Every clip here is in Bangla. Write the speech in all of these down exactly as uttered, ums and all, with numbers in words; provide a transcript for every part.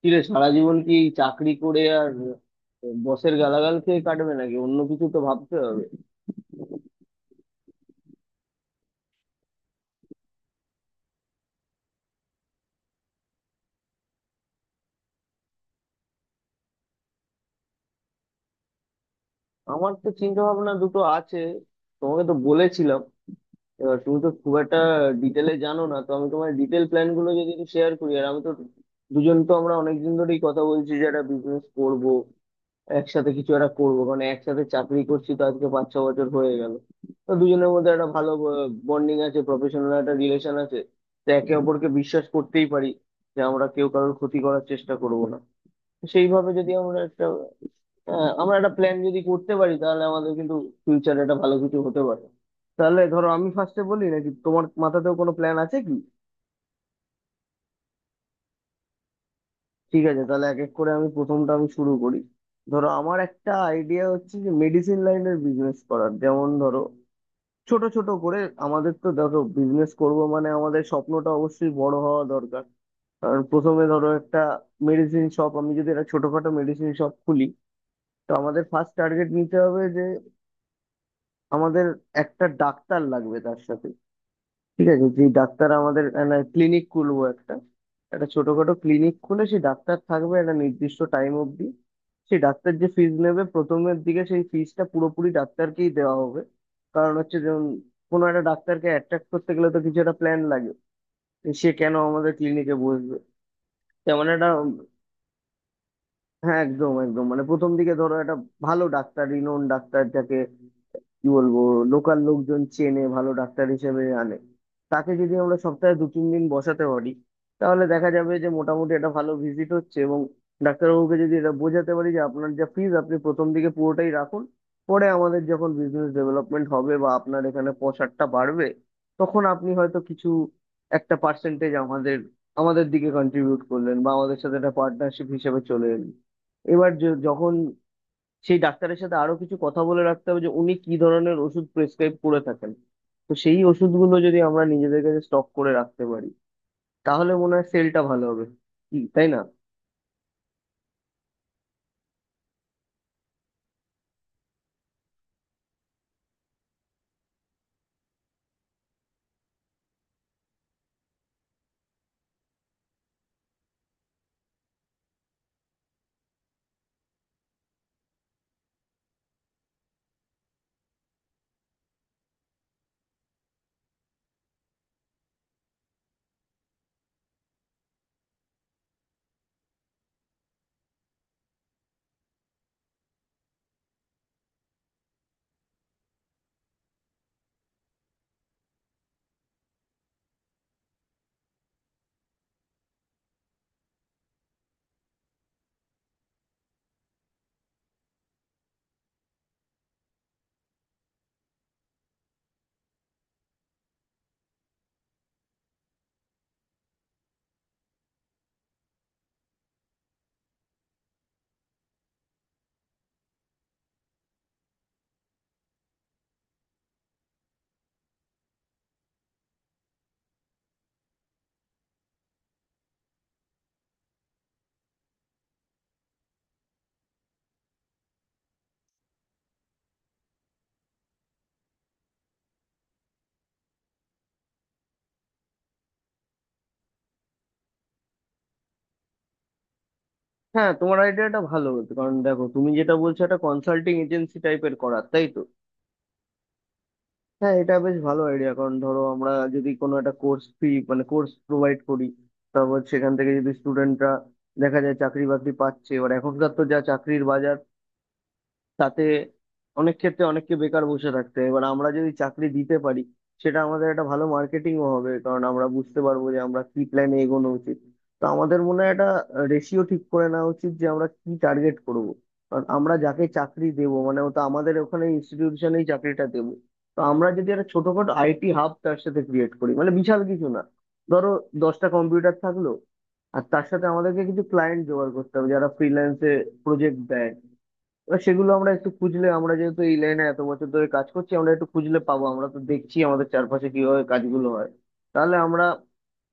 কি রে, সারা জীবন কি এই চাকরি করে আর বসের গালাগাল খেয়ে কাটবে, নাকি অন্য কিছু তো ভাবতে হবে। আমার তো চিন্তা ভাবনা দুটো আছে, তোমাকে তো বলেছিলাম। এবার তুমি তো খুব একটা ডিটেলে জানো না, তো আমি তোমার ডিটেল প্ল্যান গুলো যদি শেয়ার করি। আর আমি তো দুজন, তো আমরা অনেকদিন ধরেই কথা বলছি যে একটা বিজনেস করবো, একসাথে কিছু একটা করবো, কারণ একসাথে চাকরি করছি তো আজকে পাঁচ ছ বছর হয়ে গেল। তো দুজনের মধ্যে একটা ভালো বন্ডিং আছে, প্রফেশনাল একটা রিলেশন আছে। তো একে অপরকে বিশ্বাস করতেই পারি যে আমরা কেউ কারোর ক্ষতি করার চেষ্টা করব না। তো সেইভাবে যদি আমরা একটা আহ, আমরা একটা প্ল্যান যদি করতে পারি, তাহলে আমাদের কিন্তু ফিউচারে একটা ভালো কিছু হতে পারে। তাহলে ধরো, আমি ফার্স্টে বলি, নাকি তোমার মাথাতেও কোনো প্ল্যান আছে কি? ঠিক আছে, তাহলে এক এক করে আমি প্রথমটা আমি শুরু করি। ধরো, আমার একটা আইডিয়া হচ্ছে যে মেডিসিন লাইনের বিজনেস করার। যেমন ধরো, ছোট ছোট করে আমাদের তো ধরো বিজনেস করব, মানে আমাদের স্বপ্নটা অবশ্যই বড় হওয়া দরকার। কারণ প্রথমে ধরো একটা মেডিসিন শপ, আমি যদি একটা ছোটখাটো মেডিসিন শপ খুলি, তো আমাদের ফার্স্ট টার্গেট নিতে হবে যে আমাদের একটা ডাক্তার লাগবে। তার সাথে ঠিক আছে, যে ডাক্তার আমাদের ক্লিনিক খুলবো একটা, একটা ছোটখাটো ক্লিনিক খুলে, সেই ডাক্তার থাকবে একটা নির্দিষ্ট টাইম অবধি। সেই ডাক্তার যে ফিজ নেবে প্রথমের দিকে, সেই ফিজটা পুরোপুরি ডাক্তারকেই দেওয়া হবে। কারণ হচ্ছে, যেমন কোনো একটা ডাক্তারকে অ্যাট্রাক্ট করতে গেলে তো কিছু একটা প্ল্যান লাগে যে সে কেন আমাদের ক্লিনিকে বসবে, তেমন একটা। হ্যাঁ, একদম একদম, মানে প্রথম দিকে ধরো একটা ভালো ডাক্তার, রিনোন ডাক্তার, যাকে কি বলবো, লোকাল লোকজন চেনে, ভালো ডাক্তার হিসেবে আনে, তাকে যদি আমরা সপ্তাহে দু তিন দিন বসাতে পারি, তাহলে দেখা যাবে যে মোটামুটি একটা ভালো ভিজিট হচ্ছে। এবং ডাক্তারবাবুকে যদি এটা বোঝাতে পারি যে আপনার যা ফিজ, আপনি প্রথম দিকে পুরোটাই রাখুন, পরে আমাদের যখন বিজনেস ডেভেলপমেন্ট হবে বা আপনার এখানে পসারটা বাড়বে, তখন আপনি হয়তো কিছু একটা পার্সেন্টেজ আমাদের আমাদের দিকে কন্ট্রিবিউট করলেন বা আমাদের সাথে একটা পার্টনারশিপ হিসেবে চলে এলেন। এবার য- যখন সেই ডাক্তারের সাথে আরো কিছু কথা বলে রাখতে হবে যে উনি কি ধরনের ওষুধ প্রেসক্রাইব করে থাকেন, তো সেই ওষুধগুলো যদি আমরা নিজেদের কাছে স্টক করে রাখতে পারি, তাহলে মনে হয় সেলটা ভালো হবে, কি তাই না? হ্যাঁ, তোমার আইডিয়াটা ভালো বলতে, কারণ দেখো, তুমি যেটা বলছো একটা কনসাল্টিং এজেন্সি টাইপের করার, তাই তো। হ্যাঁ, এটা বেশ ভালো আইডিয়া। কারণ ধরো, আমরা যদি কোনো একটা কোর্স ফি, মানে কোর্স প্রোভাইড করি, তারপর সেখান থেকে যদি স্টুডেন্টরা দেখা যায় চাকরি বাকরি পাচ্ছে, এবার এখনকার তো যা চাকরির বাজার, তাতে অনেক ক্ষেত্রে অনেককে বেকার বসে থাকতে হয়। এবার আমরা যদি চাকরি দিতে পারি, সেটা আমাদের একটা ভালো মার্কেটিংও হবে। কারণ আমরা বুঝতে পারবো যে আমরা কি প্ল্যানে এগোনো উচিত। তো আমাদের মনে হয় একটা রেশিও ঠিক করে নেওয়া উচিত যে আমরা কি টার্গেট করব। কারণ আমরা যাকে চাকরি দেব, মানে ও তো আমাদের ওখানে ইনস্টিটিউশনেই চাকরিটা দেবো। তো আমরা যদি একটা ছোটখাটো আইটি হাব তার সাথে ক্রিয়েট করি, মানে বিশাল কিছু না, ধরো দশটা কম্পিউটার থাকলো, আর তার সাথে আমাদেরকে কিছু ক্লায়েন্ট জোগাড় করতে হবে যারা ফ্রিল্যান্সে প্রজেক্ট দেয়। এবার সেগুলো আমরা একটু খুঁজলে, আমরা যেহেতু এই লাইনে এত বছর ধরে কাজ করছি, আমরা একটু খুঁজলে পাবো। আমরা তো দেখছি আমাদের চারপাশে কিভাবে কাজগুলো হয়। তাহলে আমরা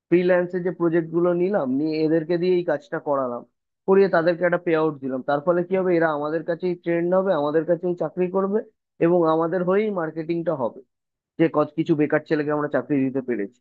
ফ্রিল্যান্সে যে প্রজেক্ট গুলো নিলাম, নিয়ে এদেরকে দিয়ে এই কাজটা করালাম, করিয়ে তাদেরকে একটা পে আউট দিলাম, তার ফলে কি হবে, এরা আমাদের কাছেই ট্রেন্ড হবে, আমাদের কাছেই চাকরি করবে, এবং আমাদের হয়েই মার্কেটিংটা হবে যে কত কিছু বেকার ছেলেকে আমরা চাকরি দিতে পেরেছি।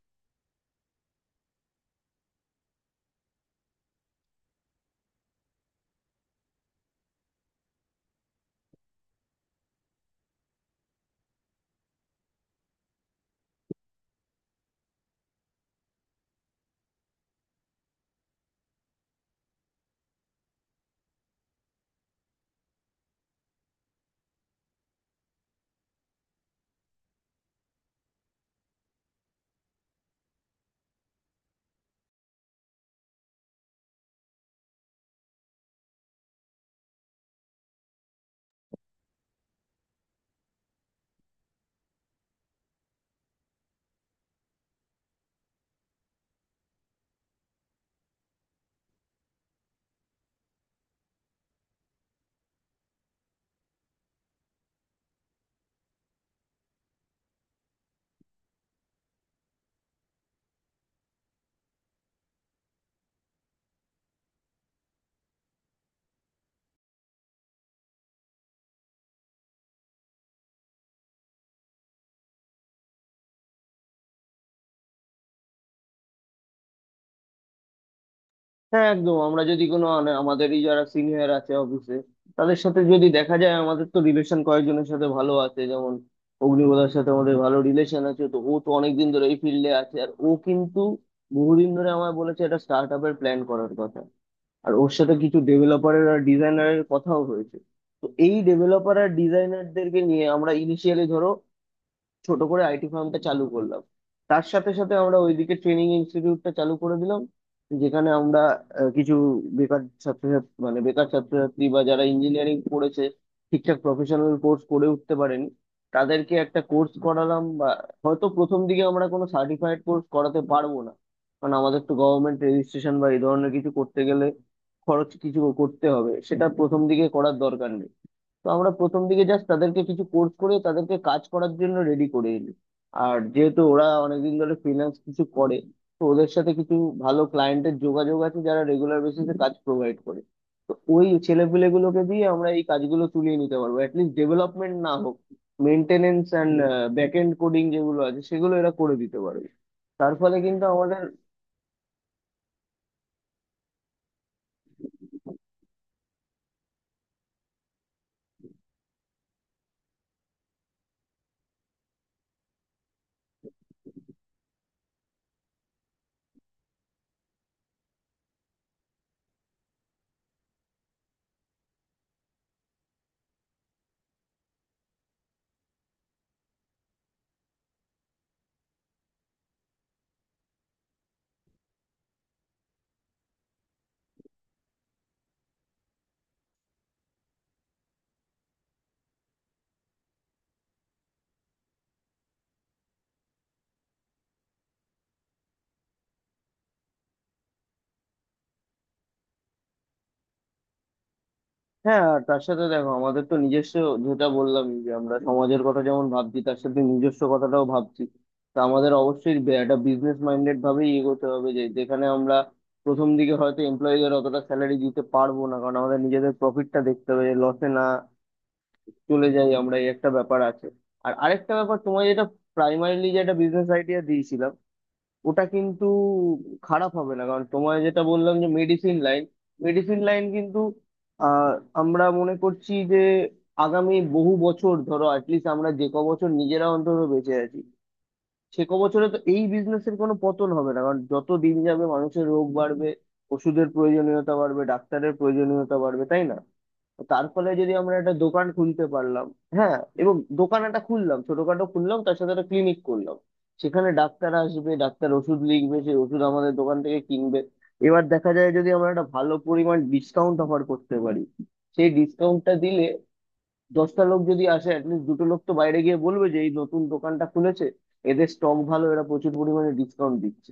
হ্যাঁ একদম, আমরা যদি কোনো আনে- আমাদেরই যারা সিনিয়র আছে অফিসে, তাদের সাথে যদি দেখা যায়, আমাদের তো রিলেশন কয়েকজনের সাথে ভালো আছে, যেমন অগ্নিবোধার সাথে আমাদের ভালো রিলেশন আছে। তো ও তো অনেকদিন ধরে এই ফিল্ডে আছে, আর ও কিন্তু বহুদিন ধরে আমায় বলেছে একটা স্টার্ট আপের প্ল্যান করার কথা। আর ওর সাথে কিছু ডেভেলপারের আর ডিজাইনারের কথাও হয়েছে। তো এই ডেভেলপার আর ডিজাইনারদেরকে নিয়ে আমরা ইনিশিয়ালি, ধরো ছোট করে আইটি ফার্মটা চালু করলাম। তার সাথে সাথে আমরা ওইদিকে ট্রেনিং ইনস্টিটিউটটা চালু করে দিলাম, যেখানে আমরা আহ, কিছু বেকার ছাত্রছাত্রী, মানে বেকার ছাত্রছাত্রী বা যারা ইঞ্জিনিয়ারিং পড়েছে ঠিকঠাক প্রফেশনাল কোর্স করে উঠতে পারেনি, তাদেরকে একটা কোর্স করালাম। বা হয়তো প্রথম দিকে আমরা কোনো সার্টিফাইড কোর্স করাতে পারবো না, কারণ আমাদের তো গভর্নমেন্ট রেজিস্ট্রেশন বা এই ধরনের কিছু করতে গেলে খরচ কিছু করতে হবে, সেটা প্রথম দিকে করার দরকার নেই। তো আমরা প্রথম দিকে জাস্ট তাদেরকে কিছু কোর্স করে তাদেরকে কাজ করার জন্য রেডি করে এলি। আর যেহেতু ওরা অনেকদিন ধরে ফ্রিল্যান্স কিছু করে, তো ওদের সাথে কিছু ভালো ক্লায়েন্টের যোগাযোগ আছে, যারা রেগুলার বেসিসে কাজ প্রোভাইড করে। তো ওই ছেলেপিলেগুলোকে দিয়ে আমরা এই কাজগুলো তুলিয়ে নিতে পারবো। অ্যাটলিস্ট ডেভেলপমেন্ট না হোক, maintenance and back end coding যেগুলো আছে সেগুলো এরা করে দিতে পারবে। তার ফলে কিন্তু আমাদের। হ্যাঁ, আর তার সাথে দেখো, আমাদের তো নিজস্ব, যেটা বললাম যে আমরা সমাজের কথা যেমন ভাবছি, তার সাথে নিজস্ব কথাটাও ভাবছি। তা আমাদের অবশ্যই বে- একটা বিজনেস মাইন্ডেড ভাবেই এগোতে হবে, যে যেখানে আমরা প্রথম দিকে হয়তো এমপ্লয়ীদের অতটা স্যালারি দিতে পারবো না, কারণ আমাদের নিজেদের প্রফিটটা দেখতে হবে যে লসে না চলে যাই আমরা, এই একটা ব্যাপার আছে। আর আরেকটা ব্যাপার, তোমায় যেটা প্রাইমারিলি যে একটা বিজনেস আইডিয়া দিয়েছিলাম, ওটা কিন্তু খারাপ হবে না। কারণ তোমায় যেটা বললাম যে মেডিসিন লাইন, মেডিসিন লাইন কিন্তু আহ, আমরা মনে করছি যে আগামী বহু বছর, ধরো অ্যাটলিস্ট আমরা যে ক বছর নিজেরা অন্তত বেঁচে আছি, সে ক বছরে তো এই বিজনেসের কোনো পতন হবে না। কারণ যত দিন যাবে মানুষের রোগ বাড়বে, ওষুধের প্রয়োজনীয়তা বাড়বে, ডাক্তারের প্রয়োজনীয়তা বাড়বে, তাই না? তো তার ফলে যদি আমরা একটা দোকান খুলতে পারলাম। হ্যাঁ, এবং দোকান একটা খুললাম, ছোটখাটো খুললাম, তার সাথে একটা ক্লিনিক করলাম। সেখানে ডাক্তার আসবে, ডাক্তার ওষুধ লিখবে, সেই ওষুধ আমাদের দোকান থেকে কিনবে। এবার দেখা যায় যদি আমরা একটা ভালো পরিমাণ ডিসকাউন্ট অফার করতে পারি, সেই ডিসকাউন্টটা দিলে, দশটা লোক যদি আসে, অ্যাটলিস্ট দুটো লোক তো বাইরে গিয়ে বলবে যে এই নতুন দোকানটা খুলেছে, এদের স্টক ভালো, এরা প্রচুর পরিমাণে ডিসকাউন্ট দিচ্ছে।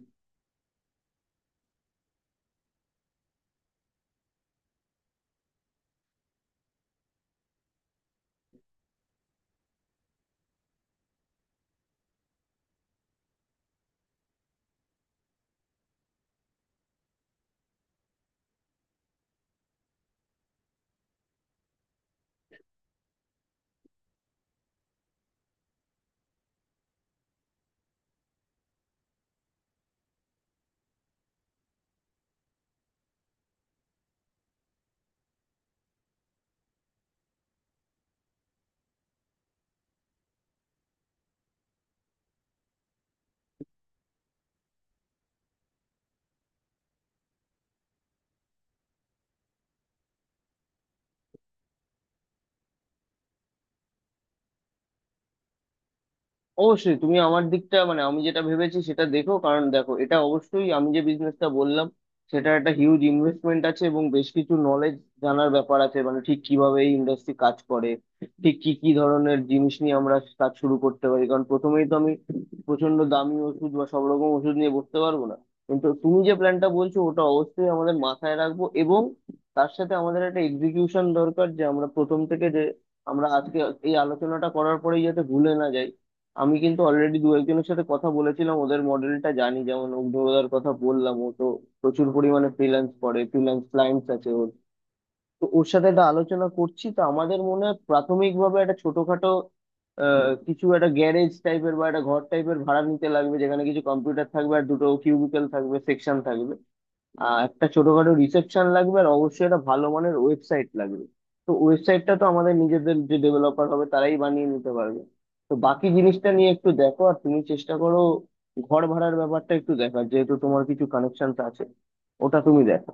অবশ্যই তুমি আমার দিকটা, মানে আমি যেটা ভেবেছি সেটা দেখো। কারণ দেখো, এটা অবশ্যই, আমি যে বিজনেসটা বললাম, সেটা একটা হিউজ ইনভেস্টমেন্ট আছে, এবং বেশ কিছু নলেজ জানার ব্যাপার আছে, মানে ঠিক কিভাবে এই ইন্ডাস্ট্রি কাজ করে, ঠিক কি কি ধরনের জিনিস নিয়ে আমরা কাজ শুরু করতে পারি। কারণ প্রথমেই তো আমি প্রচন্ড দামি ওষুধ বা সব রকম ওষুধ নিয়ে বসতে পারবো না। কিন্তু তুমি যে প্ল্যানটা বলছো, ওটা অবশ্যই আমাদের মাথায় রাখবো। এবং তার সাথে আমাদের একটা এক্সিকিউশন দরকার, যে আমরা প্রথম থেকে যে, আমরা আজকে এই আলোচনাটা করার পরেই যাতে ভুলে না যাই। আমি কিন্তু অলরেডি দু একজনের সাথে কথা বলেছিলাম, ওদের মডেলটা জানি, যেমন অগ্নিদার কথা বললাম, ও তো প্রচুর পরিমাণে ফ্রিল্যান্স করে, ফ্রিল্যান্স ক্লায়েন্টস আছে ওর। তো ওর সাথে একটা আলোচনা করছি। তো আমাদের মনে হয় প্রাথমিকভাবে একটা ছোটখাটো আহ, কিছু একটা গ্যারেজ টাইপের বা একটা ঘর টাইপের ভাড়া নিতে লাগবে, যেখানে কিছু কম্পিউটার থাকবে, আর দুটো কিউবিকল থাকবে, সেকশন থাকবে, আহ একটা ছোটখাটো রিসেপশন লাগবে, আর অবশ্যই একটা ভালো মানের ওয়েবসাইট লাগবে। তো ওয়েবসাইটটা তো আমাদের নিজেদের যে ডেভেলপার হবে, তারাই বানিয়ে নিতে পারবে। তো বাকি জিনিসটা নিয়ে একটু দেখো। আর তুমি চেষ্টা করো ঘর ভাড়ার ব্যাপারটা একটু দেখার, যেহেতু তোমার কিছু কানেকশন আছে, ওটা তুমি দেখো।